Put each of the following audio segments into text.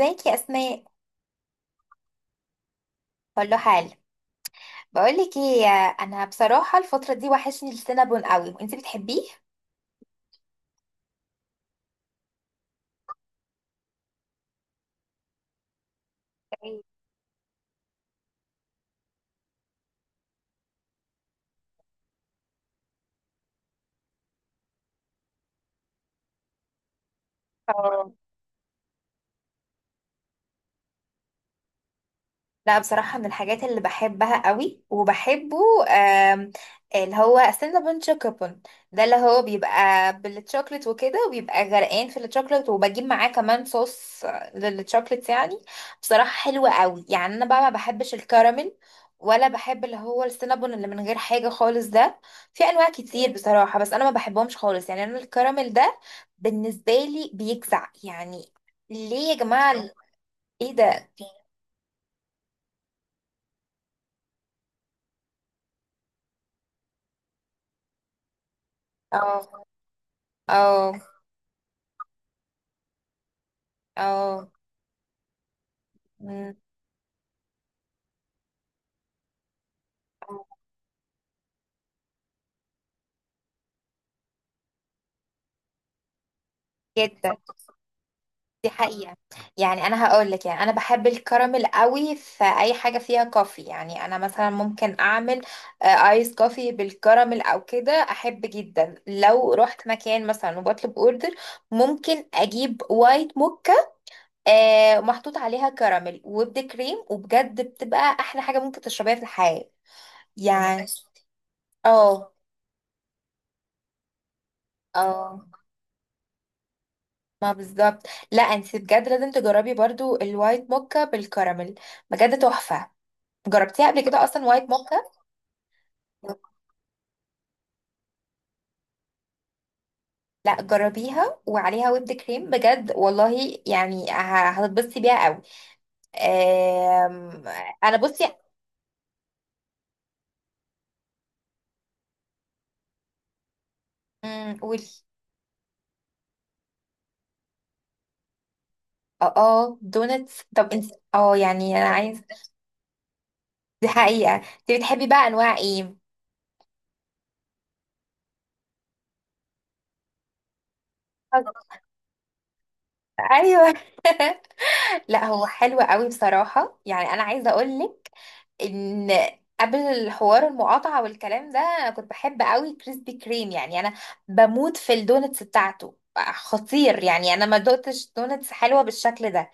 ازيك يا اسماء. كله حال. بقولك ايه، انا بصراحه الفتره دي وحشني السينابون قوي وانتي بتحبيه. اه. لا بصراحة من الحاجات اللي بحبها قوي وبحبه، آم، اللي هو سينابون شوكوبون، ده اللي هو بيبقى بالتشوكلت وكده وبيبقى غرقان في التشوكلت وبجيب معاه كمان صوص للتشوكلت يعني. بصراحة حلوة قوي يعني، انا بقى ما بحبش الكراميل، ولا بحب اللي هو السينابون اللي من غير حاجة خالص ده. في انواع كتير بصراحة بس انا ما بحبهمش خالص. يعني انا الكراميل ده بالنسبة لي بيجزع يعني، ليه يا جماعة؟ ايه ده؟ اه، اه، اه. مم. جدا. دي حقيقة. يعني انا هقول لك، يعني انا بحب الكراميل قوي في اي حاجة فيها كوفي. يعني انا مثلا ممكن اعمل ايس كوفي بالكراميل او كده، احب جدا لو رحت مكان مثلا وبطلب اوردر ممكن اجيب وايت موكا محطوط عليها كراميل وبد كريم، وبجد بتبقى احلى حاجة ممكن تشربيها في الحياة يعني. اه، اه، ما بالظبط. لا انت بجد لازم تجربي برضو الوايت موكا بالكراميل، بجد تحفة. جربتيها قبل كده اصلا وايت موكا؟ لا جربيها وعليها ويب كريم، بجد والله، يعني هتتبسطي بيها قوي. آم، انا بصي. قولي. اه، اه دونتس. طب انت اه، يعني انا عايز، دي حقيقة، انت بتحبي بقى انواع ايه؟ ايوه لا هو حلو قوي بصراحة. يعني أنا عايزة أقولك إن قبل الحوار المقاطعة والكلام ده أنا كنت بحب قوي كريسبي كريم. يعني أنا بموت في الدونتس بتاعته، خطير. يعني أنا ما دقتش دونتس حلوة بالشكل ده.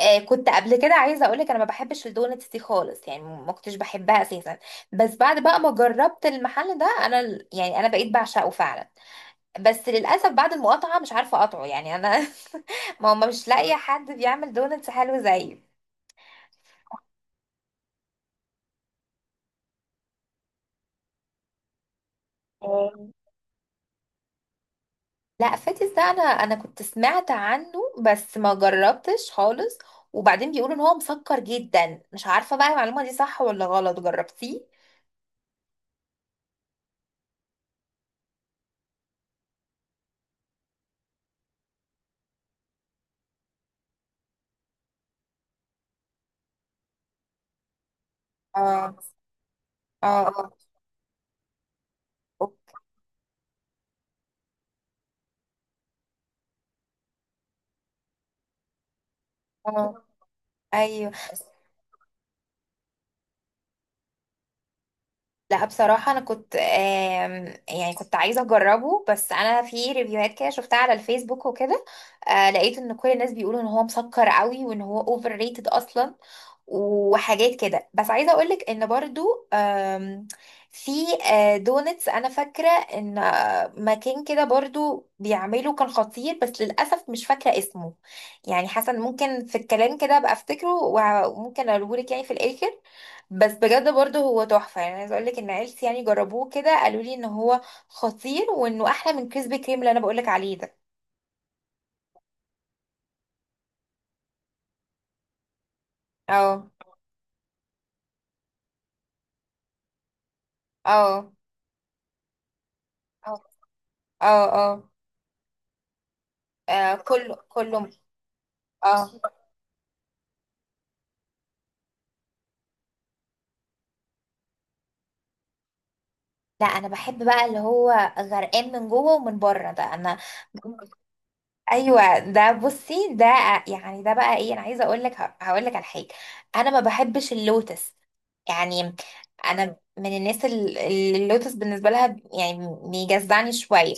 آه، كنت قبل كده عايزة أقولك أنا ما بحبش الدونتس دي خالص، يعني ما كنتش بحبها أساسا، بس بعد بقى ما جربت المحل ده أنا يعني أنا بقيت بعشقه فعلا. بس للأسف بعد المقاطعة مش عارفة أقطعه يعني أنا ما هو مش لاقية حد بيعمل دونتس حلو زيه. آه، لا فاتس ده انا، كنت سمعت عنه بس ما جربتش خالص. وبعدين بيقولوا ان هو مسكر جدا، مش عارفه بقى المعلومه دي صح ولا غلط، جربتيه؟ اه، اه، اه. آه، ايوه. لا بصراحه انا كنت يعني كنت عايزه اجربه، بس انا في ريفيوهات كده شفتها على الفيسبوك وكده لقيت ان كل الناس بيقولوا ان هو مسكر قوي وان هو اوفر ريتد اصلا وحاجات كده. بس عايزه اقولك ان برضو في دونتس، انا فاكره ان مكان كده برضو بيعمله كان خطير، بس للاسف مش فاكره اسمه. يعني حسن ممكن في الكلام كده ابقى افتكره وممكن اقولهولك يعني في الاخر. بس بجد برضو هو تحفه، يعني عايزه اقولك ان عيلتي يعني جربوه كده قالوا لي ان هو خطير، وانه احلى من كريسبي كريم اللي انا بقولك عليه ده. اه، اه، اه، اه، اه. كله كله. اه. لا انا بحب بقى اللي هو غرقان من جوه ومن بره ده انا. ايوه ده، بصي ده يعني، ده بقى ايه، انا عايزه اقول لك، هقول لك على حاجه، انا ما بحبش اللوتس. يعني انا من الناس اللي اللوتس بالنسبه لها يعني بيجزعني شويه.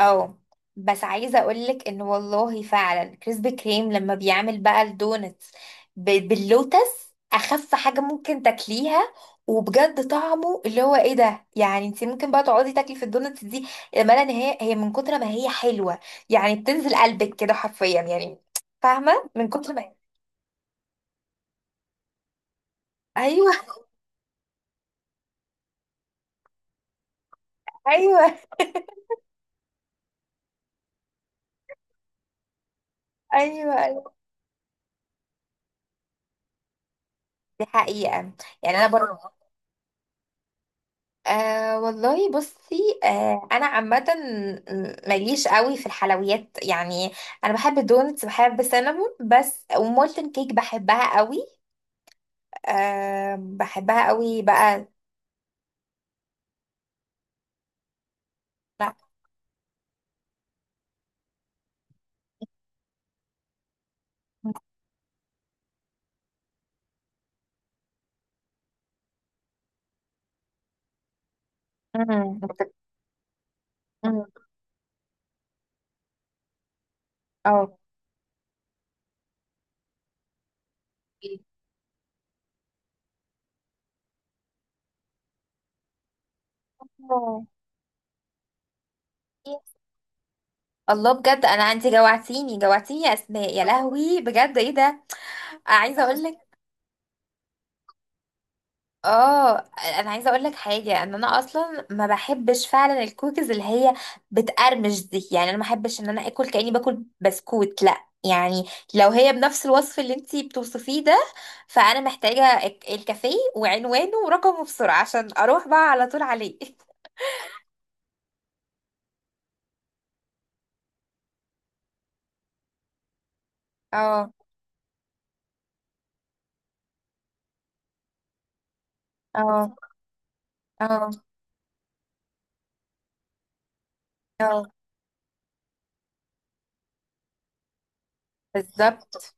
اه. بس عايزه اقولك ان والله فعلا كريسبي كريم لما بيعمل بقى الدونتس باللوتس، اخف حاجه ممكن تاكليها. وبجد طعمه اللي هو ايه ده، يعني انت ممكن بقى تقعدي تاكلي في الدونتس دي، امالا ان هي من كتر ما هي حلوه يعني، بتنزل قلبك كده حرفيا يعني، فاهمه، من كتر ما هي. ايوه ايوه ايوه ايوه، دي حقيقه. يعني انا برضه أه والله. بصي أه انا عامه ماليش قوي في الحلويات يعني، انا بحب الدونتس، بحب السينابون بس، ومولتن كيك بحبها قوي. أه بحبها قوي بقى. لا. امم. امم. اه. آه. الله، بجد انا انت جوعتيني جوعتيني يا اسماء، يا لهوي بجد ايه ده. عايزه اقول لك، اه، انا عايزه اقول لك حاجه، ان انا اصلا ما بحبش فعلا الكوكيز اللي هي بتقرمش دي. يعني انا ما بحبش ان انا اكل كاني باكل بسكوت، لا يعني. لو هي بنفس الوصف اللي انتي بتوصفيه ده، فانا محتاجه الكافيه وعنوانه ورقمه بسرعه عشان اروح بقى على طول عليه. اه، اه، اه، اه بالظبط.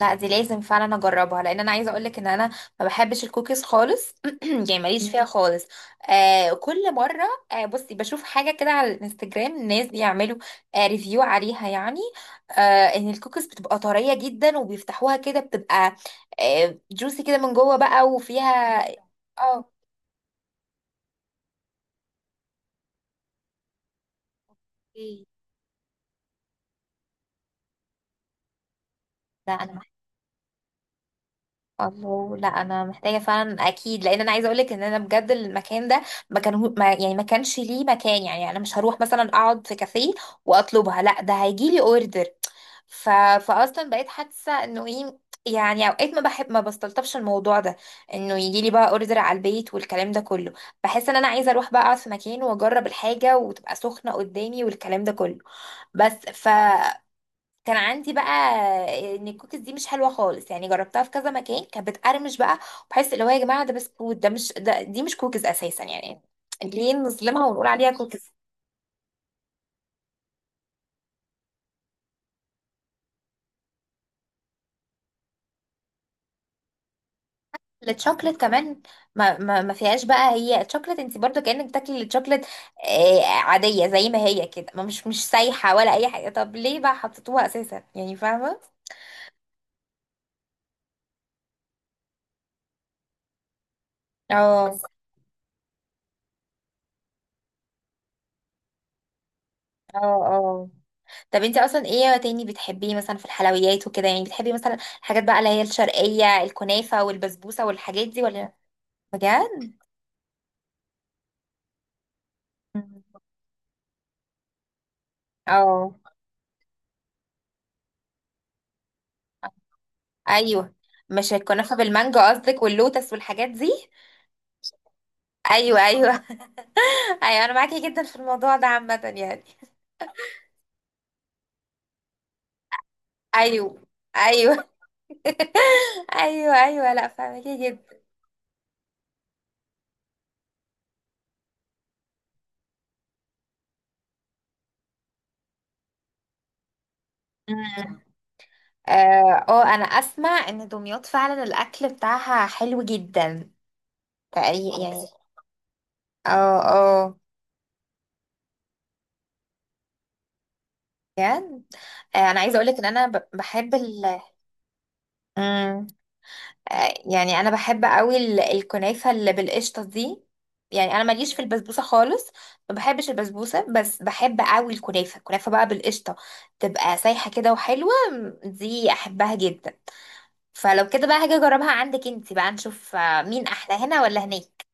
لا دي لازم فعلا اجربها، لان انا عايزه اقولك ان انا ما بحبش الكوكيز خالص. يعني ماليش فيها خالص. آه كل مره، آه بصي بشوف حاجه كده على الانستجرام، الناس بيعملوا آه ريفيو عليها يعني، آه ان الكوكيز بتبقى طريه جدا، وبيفتحوها كده بتبقى آه جوسي كده من جوه بقى وفيها. اه. لا انا، الله، لا انا محتاجه فعلا اكيد، لان انا عايزه اقولك ان انا بجد المكان ده ما كان ما يعني ما كانش ليه مكان. يعني انا مش هروح مثلا اقعد في كافيه واطلبها، لا ده هيجي لي اوردر. ف... فاصلا بقيت حاسه انه ايه، يعني اوقات ما بحب ما بستلطفش الموضوع ده، انه يجي لي بقى اوردر على البيت والكلام ده كله. بحس ان انا عايزه اروح بقى اقعد في مكان واجرب الحاجه وتبقى سخنه قدامي والكلام ده كله. بس ف كان عندي بقى ان الكوكيز دي مش حلوه خالص، يعني جربتها في كذا مكان كانت بتقرمش بقى، وبحس اللي هو يا جماعه ده بسكوت، ده دي مش كوكيز اساسا يعني، ليه نظلمها ونقول عليها كوكيز. الشوكليت كمان ما فيهاش بقى، هي الشوكليت انت برضو كانك بتاكلي الشوكليت عاديه زي ما هي كده، ما مش مش سايحه ولا اي حاجه، طب ليه بقى حطيتوها اساسا يعني، فاهمه. اه، اه، اه. طب انت اصلا ايه تاني بتحبيه مثلا في الحلويات وكده، يعني بتحبي مثلا الحاجات بقى اللي هي الشرقية، الكنافة والبسبوسة والحاجات دي ولا؟ بجد. مم. اه. ايوه، مش الكنافة بالمانجا قصدك واللوتس والحاجات دي. ايوه ايوه ايوه انا معاكي جدا في الموضوع ده عامة يعني. ايوه ايوه ايوه ايوه، لا فاهمكي جدا. مم. اه. انا اسمع ان دمياط فعلا الاكل بتاعها حلو جدا تقريبا يعني. اه، اه، بجد. انا عايزه اقولك ان انا بحب ال، مم، يعني انا بحب قوي الكنافه اللي بالقشطه دي. يعني انا ماليش في البسبوسه خالص، ما بحبش البسبوسه، بس بحب قوي الكنافه، الكنافه بقى بالقشطه، تبقى سايحه كده وحلوه، مم، دي احبها جدا. فلو كده بقى هاجي اجربها عندك انت بقى نشوف آه، مين احلى هنا ولا هناك.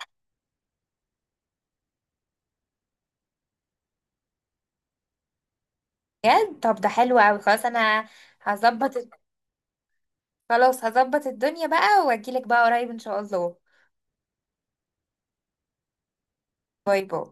بجد؟ طب ده حلو قوي، خلاص انا هظبط، خلاص هظبط الدنيا بقى واجيلك بقى قريب ان شاء الله. باي باي.